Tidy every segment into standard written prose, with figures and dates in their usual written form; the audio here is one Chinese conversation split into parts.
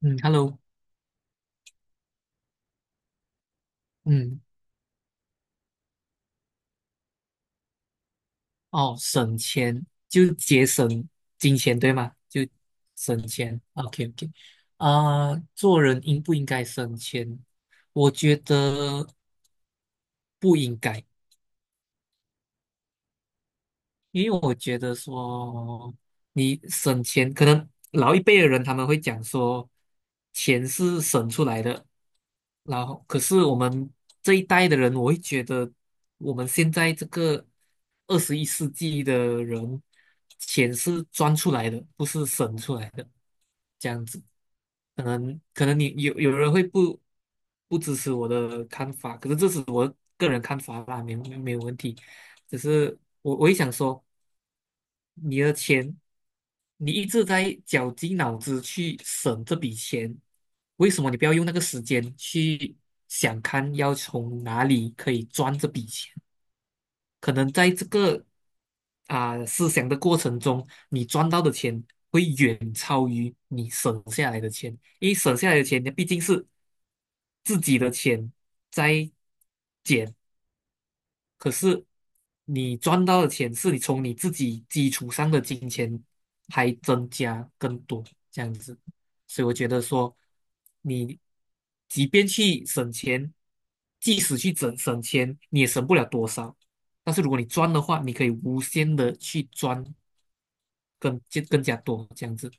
嗯，Hello，嗯，哦，省钱就节省金钱，对吗？就省钱，OK OK，做人应不应该省钱？我觉得不应该，因为我觉得说，你省钱，可能老一辈的人他们会讲说，钱是省出来的，然后可是我们这一代的人，我会觉得我们现在这个二十一世纪的人，钱是赚出来的，不是省出来的，这样子。可能你有人会不支持我的看法，可是这是我个人看法啦，没有问题。只是我会想说。你的钱，你一直在绞尽脑汁去省这笔钱，为什么你不要用那个时间去想看要从哪里可以赚这笔钱？可能在这个思想的过程中，你赚到的钱会远超于你省下来的钱，因为省下来的钱，你毕竟是自己的钱在减。可是你赚到的钱是你从你自己基础上的金钱还增加更多这样子，所以我觉得说，你即便去省钱，即使去省钱，你也省不了多少。但是如果你赚的话，你可以无限的去赚更加多这样子。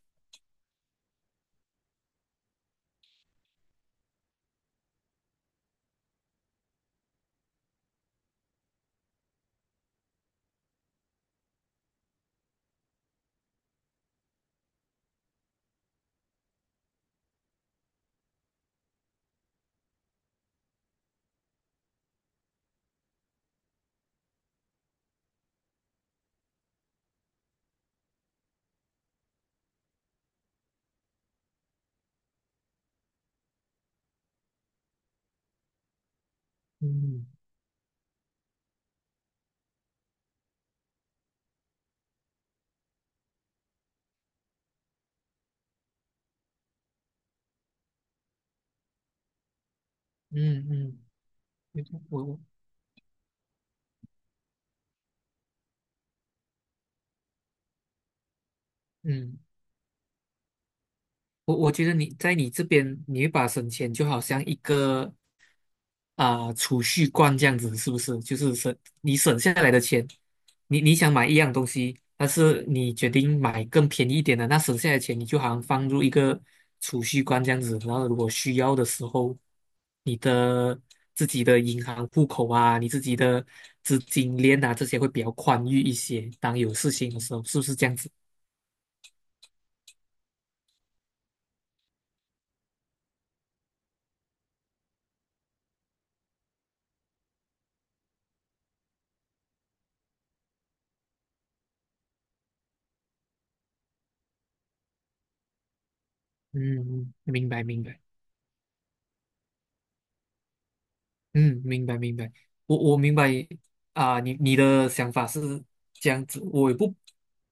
嗯嗯嗯，我我嗯。我觉得你在你这边，你会把省钱就好像一个储蓄罐这样子，是不是？就是你省下来的钱，你想买一样东西，但是你决定买更便宜一点的，那省下来的钱你就好像放入一个储蓄罐这样子，然后如果需要的时候，你的自己的银行户口啊，你自己的资金链啊，这些会比较宽裕一些。当有事情的时候，是不是这样子？嗯，嗯明白明白。嗯，明白明白，我明白啊，你你的想法是这样子，我也不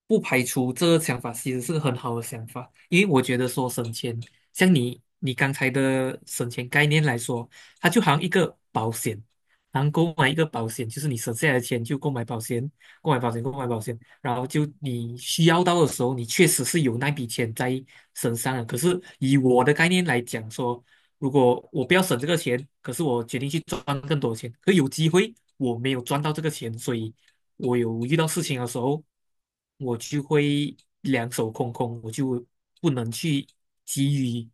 不排除这个想法其实是很好的想法，因为我觉得说省钱，像你刚才的省钱概念来说，它就好像一个保险，然后购买一个保险，就是你省下来的钱就购买保险，然后就你需要到的时候，你确实是有那笔钱在身上的。可是以我的概念来讲说。如果我不要省这个钱，可是我决定去赚更多钱，可有机会我没有赚到这个钱，所以我有遇到事情的时候，我就会两手空空，我就不能去给予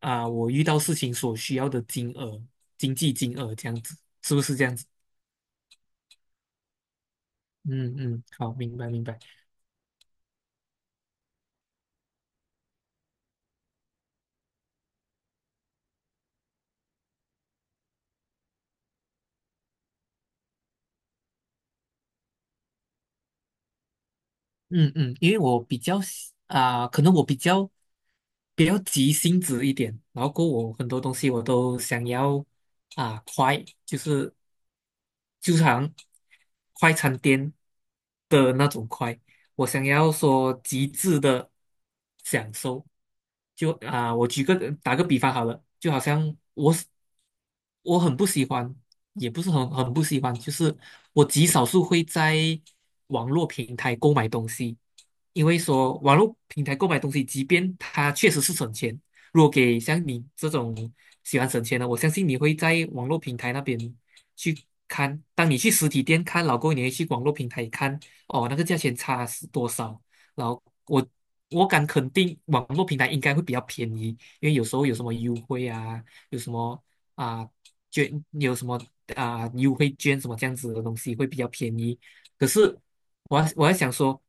我遇到事情所需要的金额、经济金额这样子，是不是这样子？嗯嗯，好，明白明白。嗯嗯，因为我比较可能我比较急性子一点，然后过后我很多东西我都想要快，就是就像快餐店的那种快，我想要说极致的享受。我打个比方好了，就好像我是我很不喜欢，也不是很不喜欢，就是我极少数会在网络平台购买东西，因为说网络平台购买东西，即便它确实是省钱，如果给像你这种喜欢省钱的，我相信你会在网络平台那边去看。当你去实体店看，老公，你会去网络平台看，哦，那个价钱差是多少？然后我敢肯定，网络平台应该会比较便宜，因为有时候有什么啊优惠啊，有什么啊捐，有什么啊优惠券什么这样子的东西会比较便宜。可是我还想说，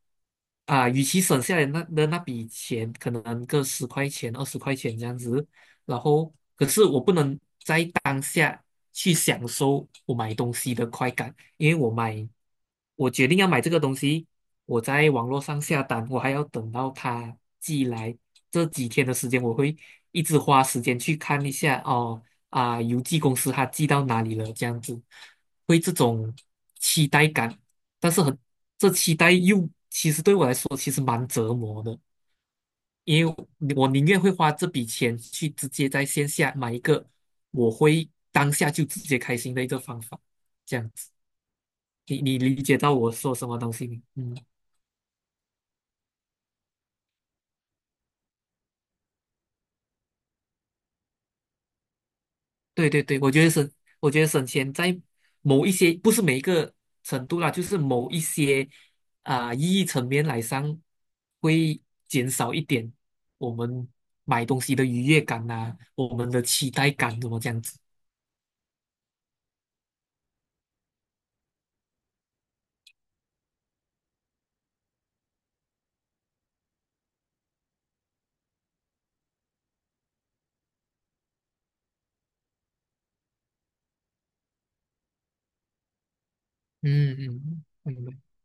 啊，与其省下来那笔钱，可能个十块钱、二十块钱这样子，然后可是我不能在当下去享受我买东西的快感，因为我决定要买这个东西，我在网络上下单，我还要等到它寄来，这几天的时间我会一直花时间去看一下邮寄公司它寄到哪里了，这样子会这种期待感，但是这期待又说其实蛮折磨的。因为我宁愿会花这笔钱去直接在线下买一个，我会当下就直接开心的一个方法，这样子，你你理解到我说什么东西没？嗯，对对对，我觉得省钱在某一些不是每一个程度啦，就是某一些意义层面来上会减少一点我们买东西的愉悦感呐、我们的期待感怎么这样子？嗯嗯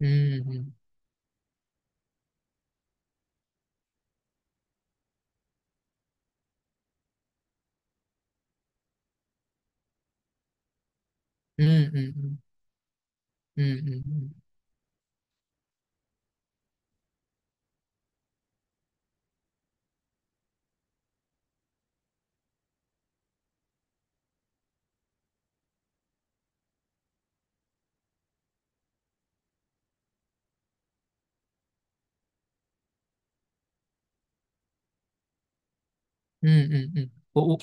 嗯嗯嗯嗯嗯嗯。嗯嗯嗯嗯嗯嗯嗯嗯，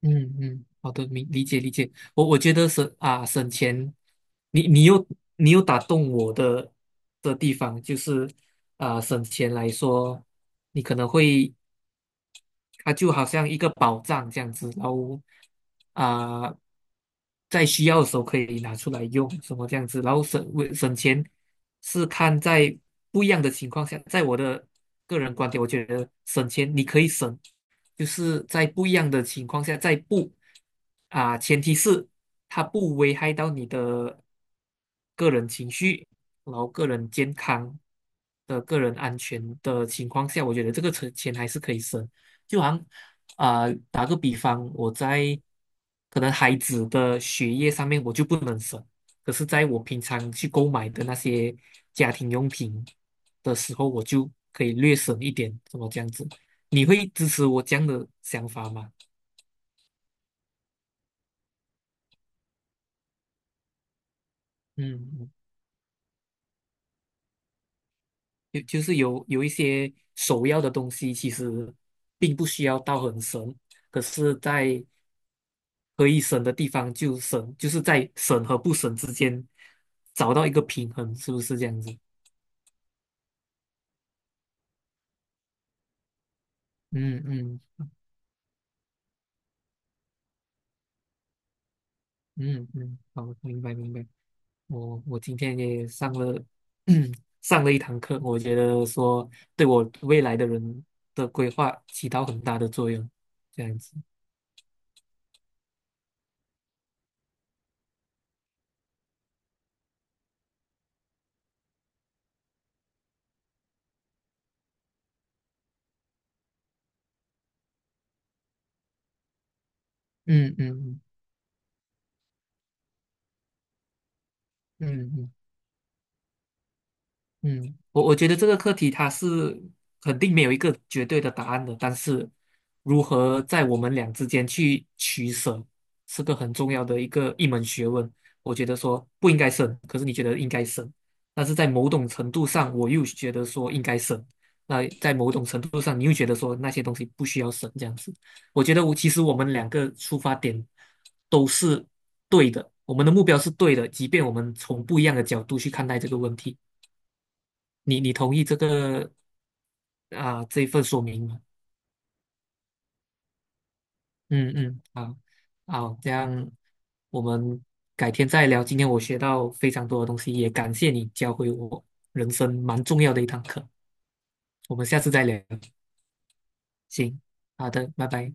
嗯嗯，好的，理解理解。我觉得省钱，你你又你又打动我的地方就是啊省钱来说，你可能会。它就好像一个宝藏这样子，然后啊、在需要的时候可以拿出来用，什么这样子，然后省钱是看在不一样的情况下，在我的个人观点，我觉得省钱你可以省，就是在不一样的情况下，在不啊、前提是它不危害到你的个人情绪，然后个人健康的个人安全的情况下，我觉得这个钱还是可以省。就好像啊、打个比方，可能孩子的学业上面我就不能省，可是在我平常去购买的那些家庭用品的时候，我就可以略省一点，怎么这样子？你会支持我这样的想法吗？嗯就是有一些首要的东西，其实并不需要到很神，可是，在可以省的地方就省，就是在省和不省之间找到一个平衡，是不是这样子？嗯嗯嗯嗯，好，明白明白。我我今天也上了，上了一堂课，我觉得说对我未来的人的规划起到很大的作用，这样子。嗯嗯嗯嗯嗯。嗯，我觉得这个课题它是肯定没有一个绝对的答案的，但是如何在我们俩之间去取舍，是个很重要的一门学问。我觉得说不应该省，可是你觉得应该省，但是在某种程度上，我又觉得说应该省，那在某种程度上，你又觉得说那些东西不需要省这样子。我觉得我其实我们两个出发点都是对的，我们的目标是对的，即便我们从不一样的角度去看待这个问题。你同意这个这一份说明吗？嗯嗯，好，好，这样我们改天再聊。今天我学到非常多的东西，也感谢你教会我人生蛮重要的一堂课。我们下次再聊。行，好的，拜拜。